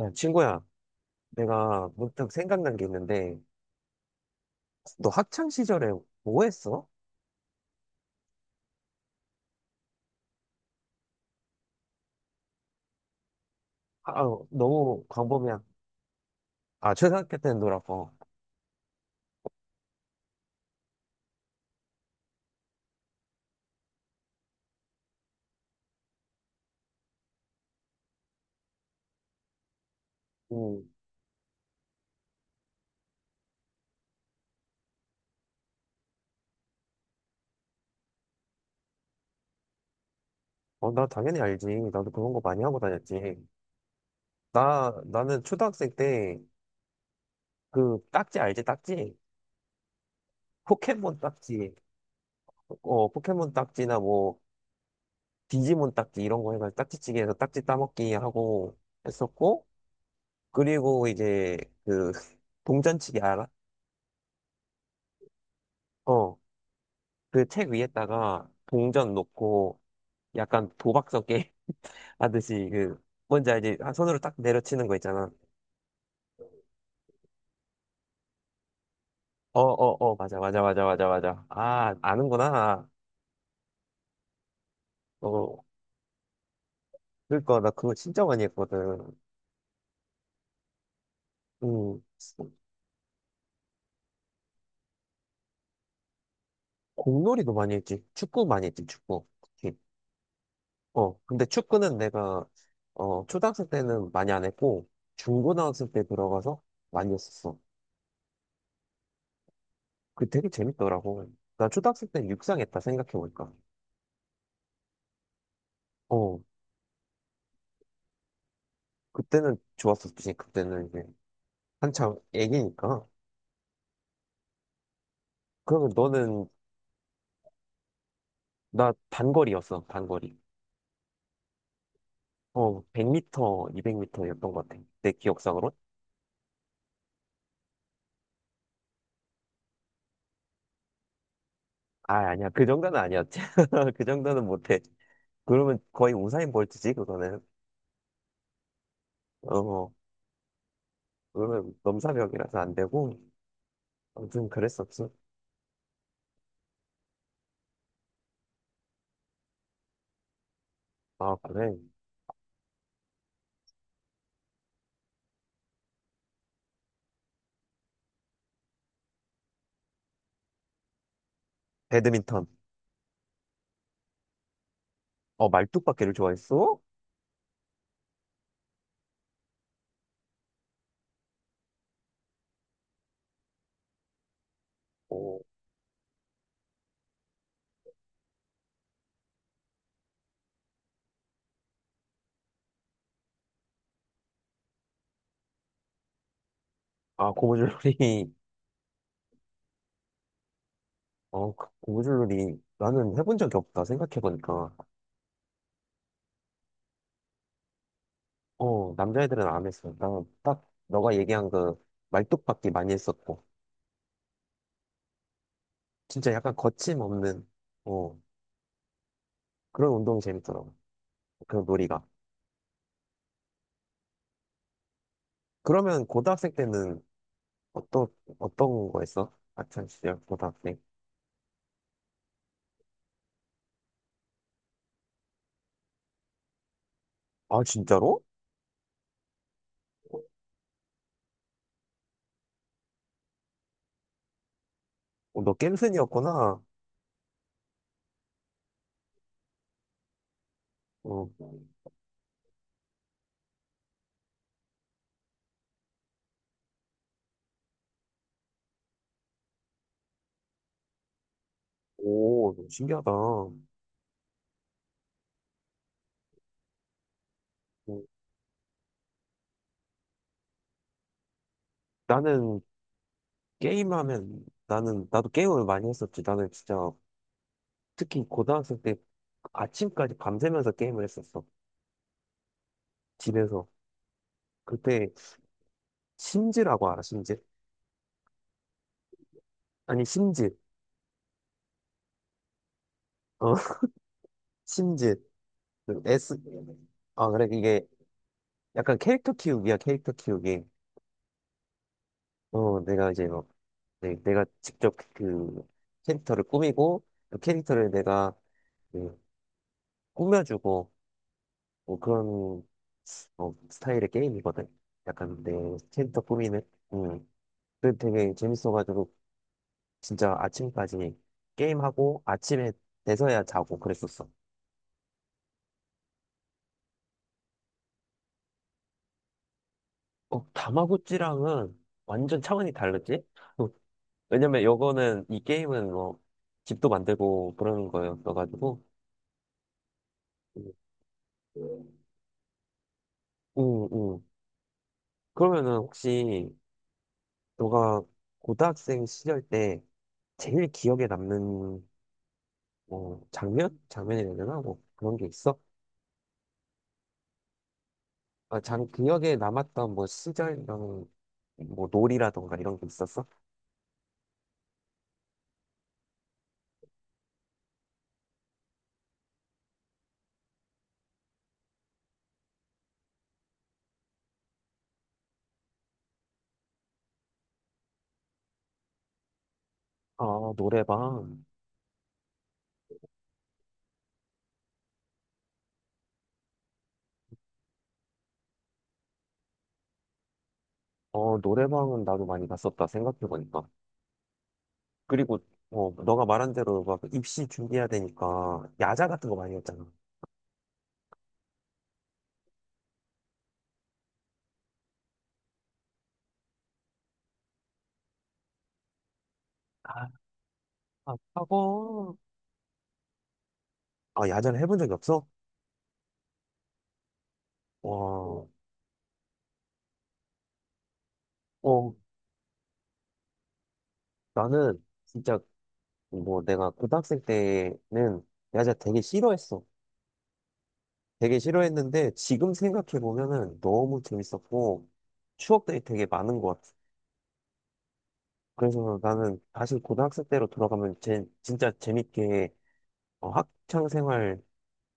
야, 친구야, 내가 문득 생각난 게 있는데, 너 학창 시절에 뭐 했어? 아, 너무 광범위한. 아, 초등학교 때는 놀았고. 음, 나 당연히 알지. 나도 그런 거 많이 하고 다녔지. 나는 초등학생 때, 딱지 알지? 딱지? 포켓몬 딱지. 어, 포켓몬 딱지나 뭐, 디지몬 딱지 이런 거 해가지고 딱지찌개에서 딱지 따먹기 하고 했었고, 그리고 이제, 그, 동전치기 알아? 어. 그 책 위에다가 동전 놓고 약간 도박성 게임 하듯이 그 뭔지 알지? 한 손으로 딱 내려치는 거 있잖아. 어, 어, 어, 맞아, 맞아, 맞아, 맞아, 맞아. 아, 아는구나. 어, 그러니까 나 그거 진짜 많이 했거든. 음, 공놀이도 많이 했지. 축구 많이 했지, 축구. 특히. 어, 근데 축구는 내가 어 초등학생 때는 많이 안 했고 중고등학생 때 들어가서 많이 했었어. 그 되게 재밌더라고. 나 초등학생 때 육상했다 생각해보니까. 어. 그때는 좋았었지. 그때는 이제 한창 애기니까. 그러면 너는 나 단거리였어. 단거리. 어, 100m, 200m였던 것 같아. 내 기억상으로. 아, 아니야. 그 정도는 아니었지. 그 정도는 못해. 그러면 거의 우사인 볼트지, 그거는. 어, 그러면 넘사벽이라서 안 되고. 아무튼 그랬었지. 아, 그래. 배드민턴. 어, 말뚝박기를 좋아했어? 어, 아, 고무줄놀이. 어, 그 고무줄놀이. 나는 해본 적이 없다, 생각해보니까. 어, 남자애들은 안 했어. 나는 딱 너가 얘기한 그 말뚝박기 많이 했었고, 진짜 약간 거침없는, 어, 그런 운동이 재밌더라고. 그런 놀이가. 그러면 고등학생 때는 어떤, 어떤 거 했어? 아참, 진짜 고등학생. 아, 진짜로? 어, 너 겜슨이었구나. 어, 오, 신기하다. 어, 나는 게임하면, 나도 게임을 많이 했었지. 나는 진짜, 특히 고등학생 때 아침까지 밤새면서 게임을 했었어. 집에서. 그때 심지라고 알아, 심지. 아니, 심지. 어, 심지. 그 S. 아, 그래. 이게 약간 캐릭터 키우기야, 캐릭터 키우기. 어, 내가 이제 뭐, 내가 직접 그 캐릭터를 꾸미고, 그 캐릭터를 내가 그 꾸며주고, 뭐 그런 어, 스타일의 게임이거든. 약간 내 캐릭터 꾸미는. 음. 그 되게 재밌어가지고, 진짜 아침까지 게임하고, 아침에 돼서야 자고 그랬었어. 어, 다마고찌랑은 완전 차원이 다르지? 어, 왜냐면 요거는 이 게임은 뭐 집도 만들고 그러는 거였어가지고. 음. 응, 응. 그러면은 혹시 너가 고등학생 시절 때 제일 기억에 남는 뭐 장면? 장면이라 해야 되나? 뭐 그런 게 있어? 아, 장, 기억에 남았던 뭐 시절 이런 뭐 놀이라던가 이런 게 있었어? 아, 노래방. 어, 노래방은 나도 많이 갔었다, 생각해보니까. 그리고, 어, 너가 말한 대로 막 입시 준비해야 되니까, 야자 같은 거 많이 했잖아. 아, 아, 하고, 아, 야자를 해본 적이 없어? 와, 어, 나는 진짜 뭐 내가 고등학생 때는 야자 되게 싫어했어. 되게 싫어했는데 지금 생각해보면은 너무 재밌었고 추억들이 되게 많은 것 같아. 그래서 나는 다시 고등학생 때로 돌아가면 진짜 재밌게 어, 학창 생활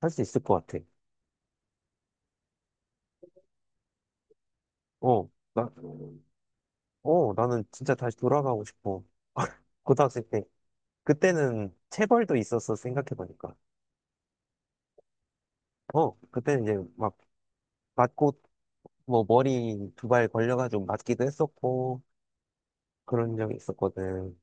할 수 있을 것 같아. 어, 나, 어, 나는 진짜 다시 돌아가고 싶어. 고등학생 때. 그때는 체벌도 있었어, 생각해보니까. 어, 그때는 이제 막 맞고, 뭐 머리 두발 걸려가지고 맞기도 했었고, 그런 적이 있었거든.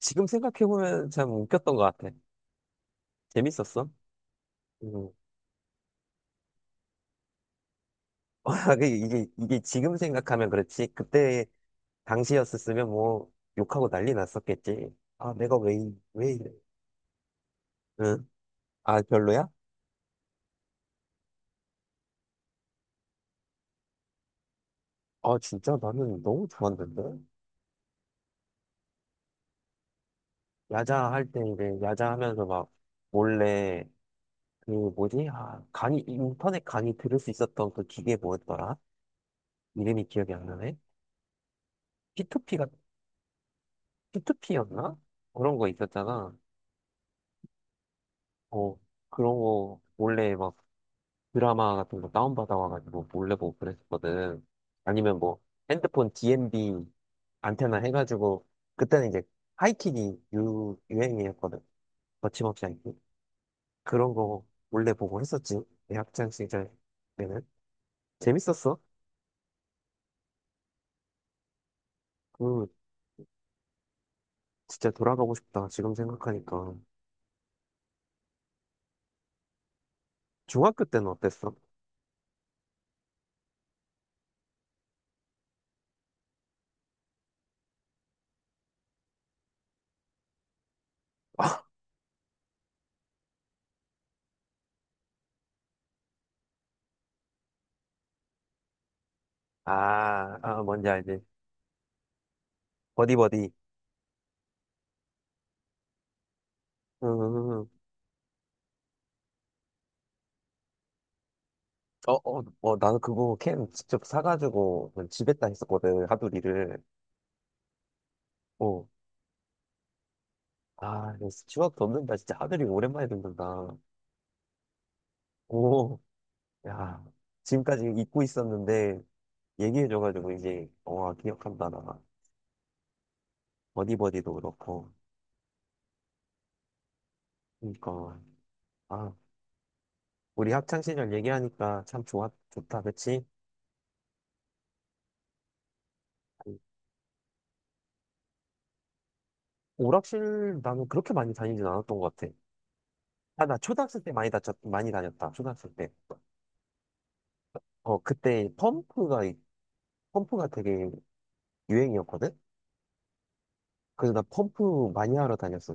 지금 생각해보면 참 웃겼던 것 같아. 재밌었어. 음. 이게 지금 생각하면 그렇지. 그때 당시였었으면 뭐 욕하고 난리 났었겠지. 아, 내가 왜, 왜 이래. 응? 아, 별로야? 아, 진짜 나는 너무 좋았는데? 야자 할 때 이제 야자 하면서 막 몰래 그 뭐지? 인터넷 강의 들을 수 있었던 그 기계 뭐였더라? 이름이 기억이 안 나네? P2P가, P2P였나? 그런 거 있었잖아. 어, 그런 거 몰래 막 드라마 같은 거 다운받아와가지고 몰래 보고 그랬었거든. 아니면 뭐 핸드폰 DMB 안테나 해가지고 그때는 이제 하이킥이 유행이었거든. 거침없이 하이킥. 그런 거 몰래 보고 했었지. 내 학창 시절 때는. 재밌었어. 그, 진짜 돌아가고 싶다. 지금 생각하니까. 중학교 때는 어땠어? 아, 아, 뭔지 알지. 버디버디. 음, 어, 어, 어, 나는 그거 캔 직접 사가지고 그냥 집에다 했었거든. 하두리를. 어. 아, 이거 추억 돋는다. 진짜 하두리 오랜만에 듣는다. 오, 야. 지금까지 잊고 있었는데, 얘기해줘가지고 이제, 와, 기억한다, 나. 버디버디도 그렇고. 그니까. 아, 우리 학창시절 얘기하니까 참 좋아, 좋다, 그치? 오락실 나는 그렇게 많이 다니진 않았던 것 같아. 아, 나 초등학생 때 많이 다녔다, 초등학생 때. 어, 그때 펌프가 되게 유행이었거든? 그래서 나 펌프 많이 하러 다녔어.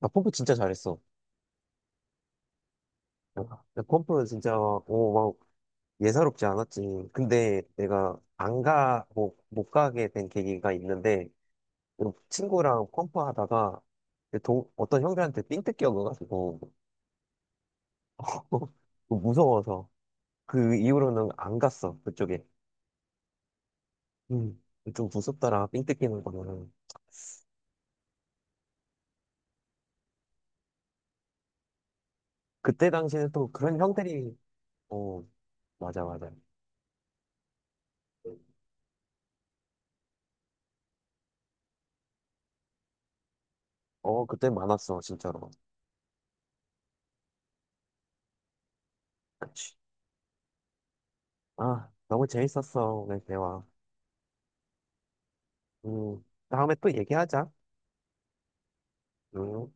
나 펌프 진짜 잘했어. 어, 나 펌프는 진짜, 오, 막, 예사롭지 않았지. 근데 내가 안 가, 뭐, 못 가게 된 계기가 있는데, 친구랑 펌프 하다가 어떤 형들한테 삥 뜯겨 가지고 무서워서 그 이후로는 안 갔어 그쪽에. 음, 좀 무섭더라 삥 뜯기는 거는. 그때 당시에는 또 그런 형들이 어 맞아 맞아. 어 그때 많았어 진짜로. 그치. 아 너무 재밌었어 오늘 대화. 음. 다음에 또 얘기하자. 음.